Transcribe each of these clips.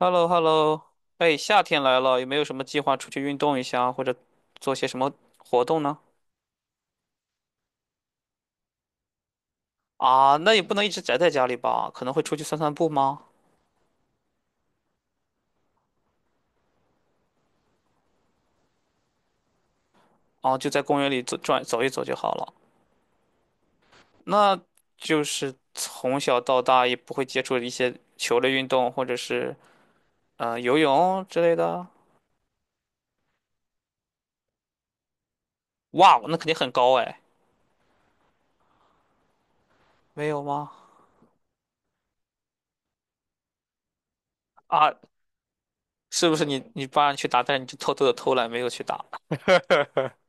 h e l l o h e l l o 哎，夏天来了，有没有什么计划出去运动一下，或者做些什么活动呢？啊，那也不能一直宅在家里吧，可能会出去散散步吗？啊，就在公园里走转走一走就好了。那就是从小到大也不会接触一些球类运动，或者是游泳之类的。哇，那肯定很高哎，没有吗？啊，是不是你爸让你去打，但是你就偷偷的偷懒没有去打？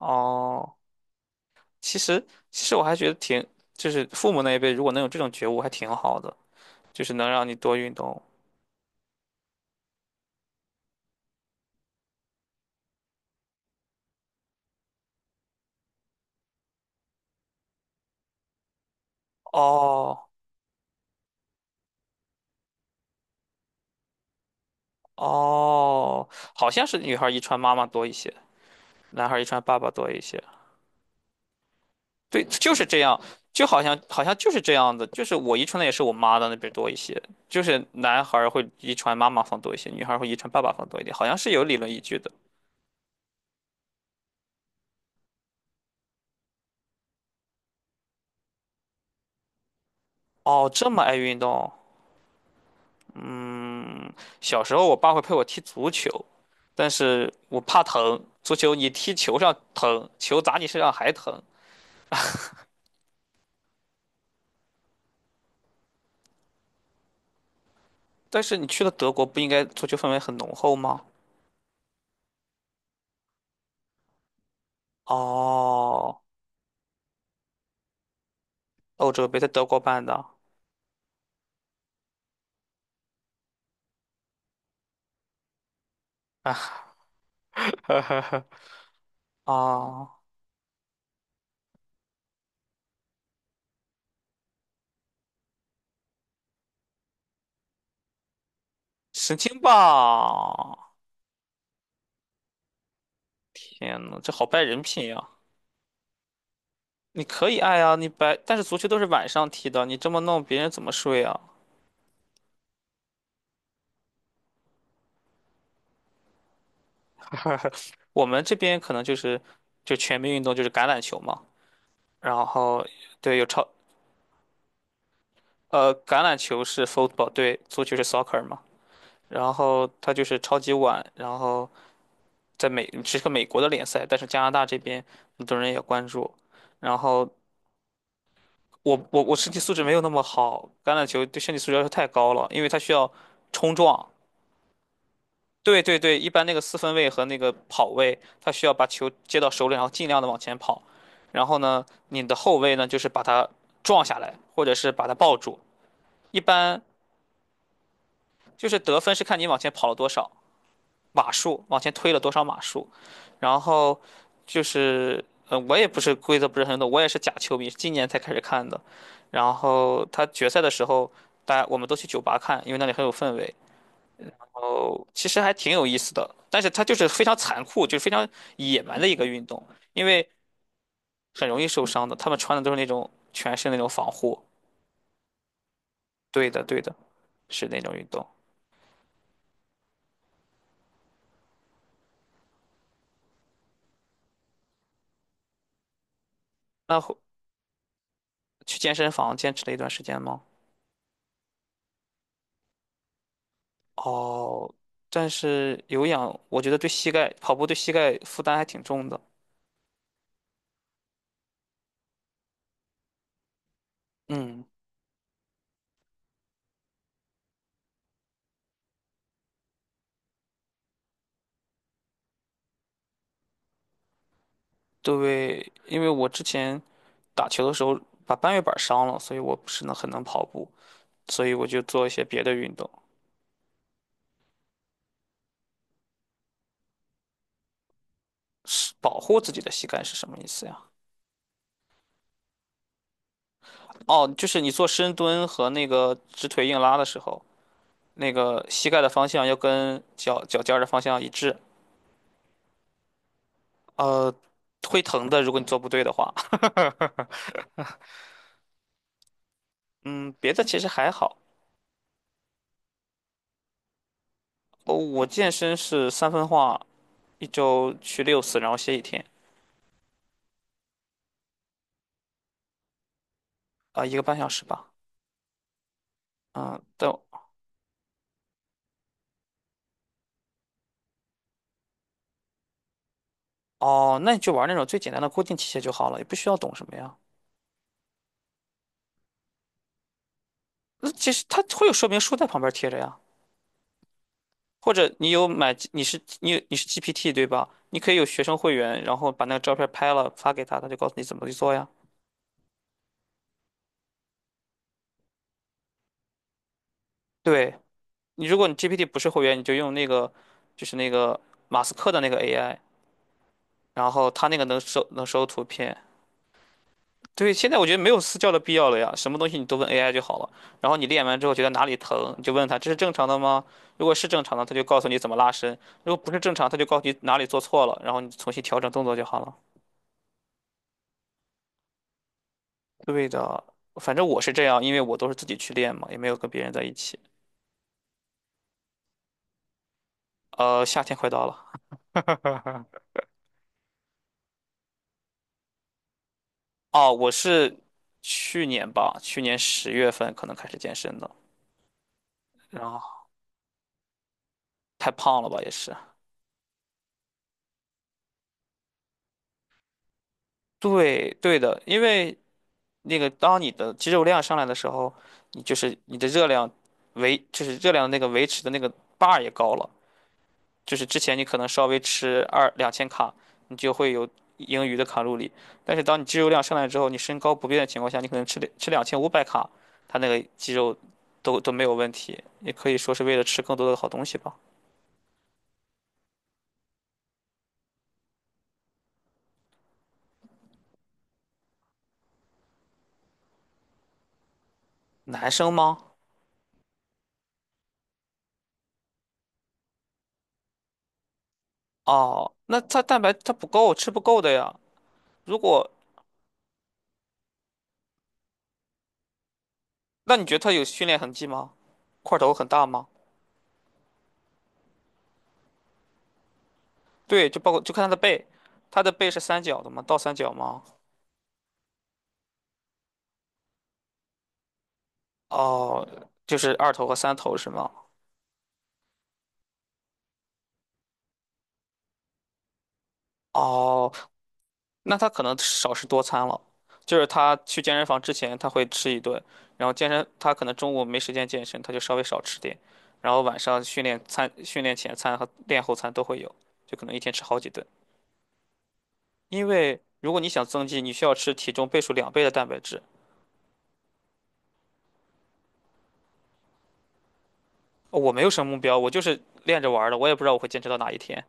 哦。其实，其实我还觉得挺，就是父母那一辈如果能有这种觉悟，还挺好的，就是能让你多运动。哦哦，好像是女孩儿遗传妈妈多一些，男孩儿遗传爸爸多一些。对，就是这样，就好像就是这样的，就是我遗传的也是我妈的那边多一些，就是男孩儿会遗传妈妈方多一些，女孩儿会遗传爸爸方多一点，好像是有理论依据的。哦，这么爱运动，嗯，小时候我爸会陪我踢足球，但是我怕疼。足球你踢球上疼，球砸你身上还疼。但是你去了德国，不应该足球氛围很浓厚吗？哦，欧洲杯在德国办的啊，呵哦，神经吧！天呐，这好败人品呀！你可以爱啊，你白，但是足球都是晚上踢的，你这么弄，别人怎么睡啊？我们这边可能就是就全民运动就是橄榄球嘛，然后对有超橄榄球是 football，对，足球是 soccer 嘛。然后他就是超级碗，然后在美是个美国的联赛，但是加拿大这边很多人也关注。然后我身体素质没有那么好，橄榄球对身体素质要求太高了，因为它需要冲撞。对对对，一般那个四分卫和那个跑位，他需要把球接到手里，然后尽量的往前跑。然后呢，你的后卫呢，就是把它撞下来，或者是把它抱住。一般就是得分是看你往前跑了多少。码数，往前推了多少码数，然后就是我也不是规则不是很懂，我也是假球迷，是今年才开始看的。然后他决赛的时候，大家我们都去酒吧看，因为那里很有氛围。哦，其实还挺有意思的，但是他就是非常残酷，就是非常野蛮的一个运动，因为很容易受伤的。他们穿的都是那种全身那种防护。对的，对的，是那种运动。那会去健身房坚持了一段时间吗？哦，但是有氧，我觉得对膝盖，跑步对膝盖负担还挺重的。嗯，对，因为我之前打球的时候把半月板伤了，所以我不是能很能跑步，所以我就做一些别的运动，是保护自己的膝盖是什么意思呀？哦，就是你做深蹲和那个直腿硬拉的时候，那个膝盖的方向要跟脚脚尖儿的方向一致。呃，会疼的，如果你做不对的话。嗯，别的其实还好，哦，我健身是三分化，一周去6次，然后歇一天，啊、1个半小时吧。嗯，但哦，那你就玩那种最简单的固定器械就好了，也不需要懂什么呀。那其实它会有说明书在旁边贴着呀，或者你有买，你是 GPT 对吧？你可以有学生会员，然后把那个照片拍了发给他，他就告诉你怎么去做呀。对，你如果你 GPT 不是会员，你就用那个就是那个马斯克的那个 AI，然后他那个能收图片，对，现在我觉得没有私教的必要了呀，什么东西你都问 AI 就好了。然后你练完之后觉得哪里疼，你就问他这是正常的吗？如果是正常的，他就告诉你怎么拉伸；如果不是正常，他就告诉你哪里做错了，然后你重新调整动作就好了。对的，反正我是这样，因为我都是自己去练嘛，也没有跟别人在一起。夏天快到了，哦，我是去年吧，去年10月份可能开始健身的，然后太胖了吧也是。对对的，因为那个当你的肌肉量上来的时候，你就是你的热量维，就是热量的那个维持的那个 bar 也高了。就是之前你可能稍微吃二两千卡，你就会有盈余的卡路里，但是当你肌肉量上来之后，你身高不变的情况下，你可能吃2500卡，它那个肌肉都没有问题，也可以说是为了吃更多的好东西吧。男生吗？哦，那他蛋白它不够，吃不够的呀。如果，那你觉得他有训练痕迹吗？块头很大吗？对，就包括就看他的背，他的背是三角的吗？倒三角吗？哦，就是二头和三头是吗？哦，那他可能少食多餐了，就是他去健身房之前他会吃一顿，然后健身他可能中午没时间健身，他就稍微少吃点，然后晚上训练餐、训练前餐和练后餐都会有，就可能一天吃好几顿。因为如果你想增肌，你需要吃体重倍数2倍的蛋白质。哦我没有什么目标，我就是练着玩儿的，我也不知道我会坚持到哪一天。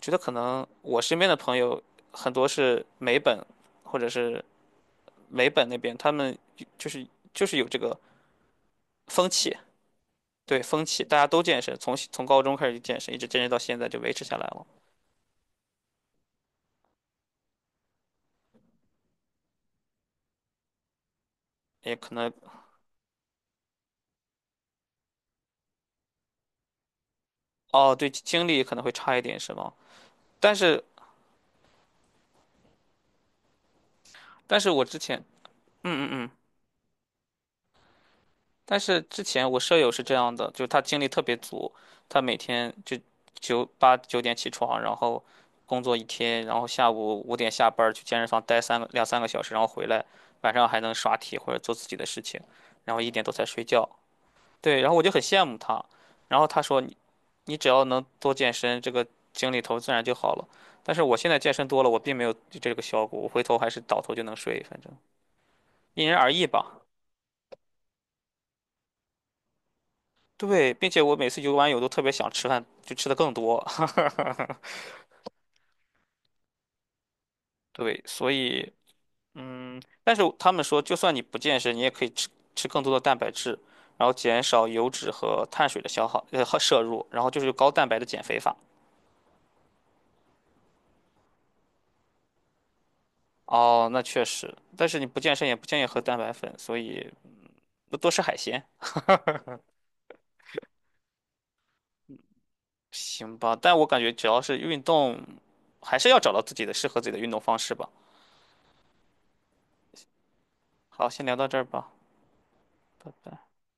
觉得可能我身边的朋友很多是美本或者是美本那边，他们就是就是有这个风气，对风气，大家都健身，从高中开始就健身，一直健身到现在就维持下来了。也可能哦，对，精力可能会差一点，是吗？但是但是我之前，嗯嗯嗯。但是之前我舍友是这样的，就是他精力特别足，他每天就八九点起床，然后工作一天，然后下午5点下班儿去健身房待2、3个小时，然后回来晚上还能刷题或者做自己的事情，然后1点多才睡觉。对，然后我就很羡慕他，然后他说你只要能多健身，这个精力头自然就好了。但是我现在健身多了，我并没有这个效果，我回头还是倒头就能睡，反正因人而异吧。对，并且我每次游完泳都特别想吃饭，就吃的更多。对，所以嗯，但是他们说，就算你不健身，你也可以吃更多的蛋白质，然后减少油脂和碳水的消耗和摄入，然后就是高蛋白的减肥法。哦，那确实，但是你不健身也不建议喝蛋白粉，所以多多吃海鲜。行吧，但我感觉只要是运动，还是要找到自己的适合自己的运动方式吧。好，先聊到这儿吧，拜拜。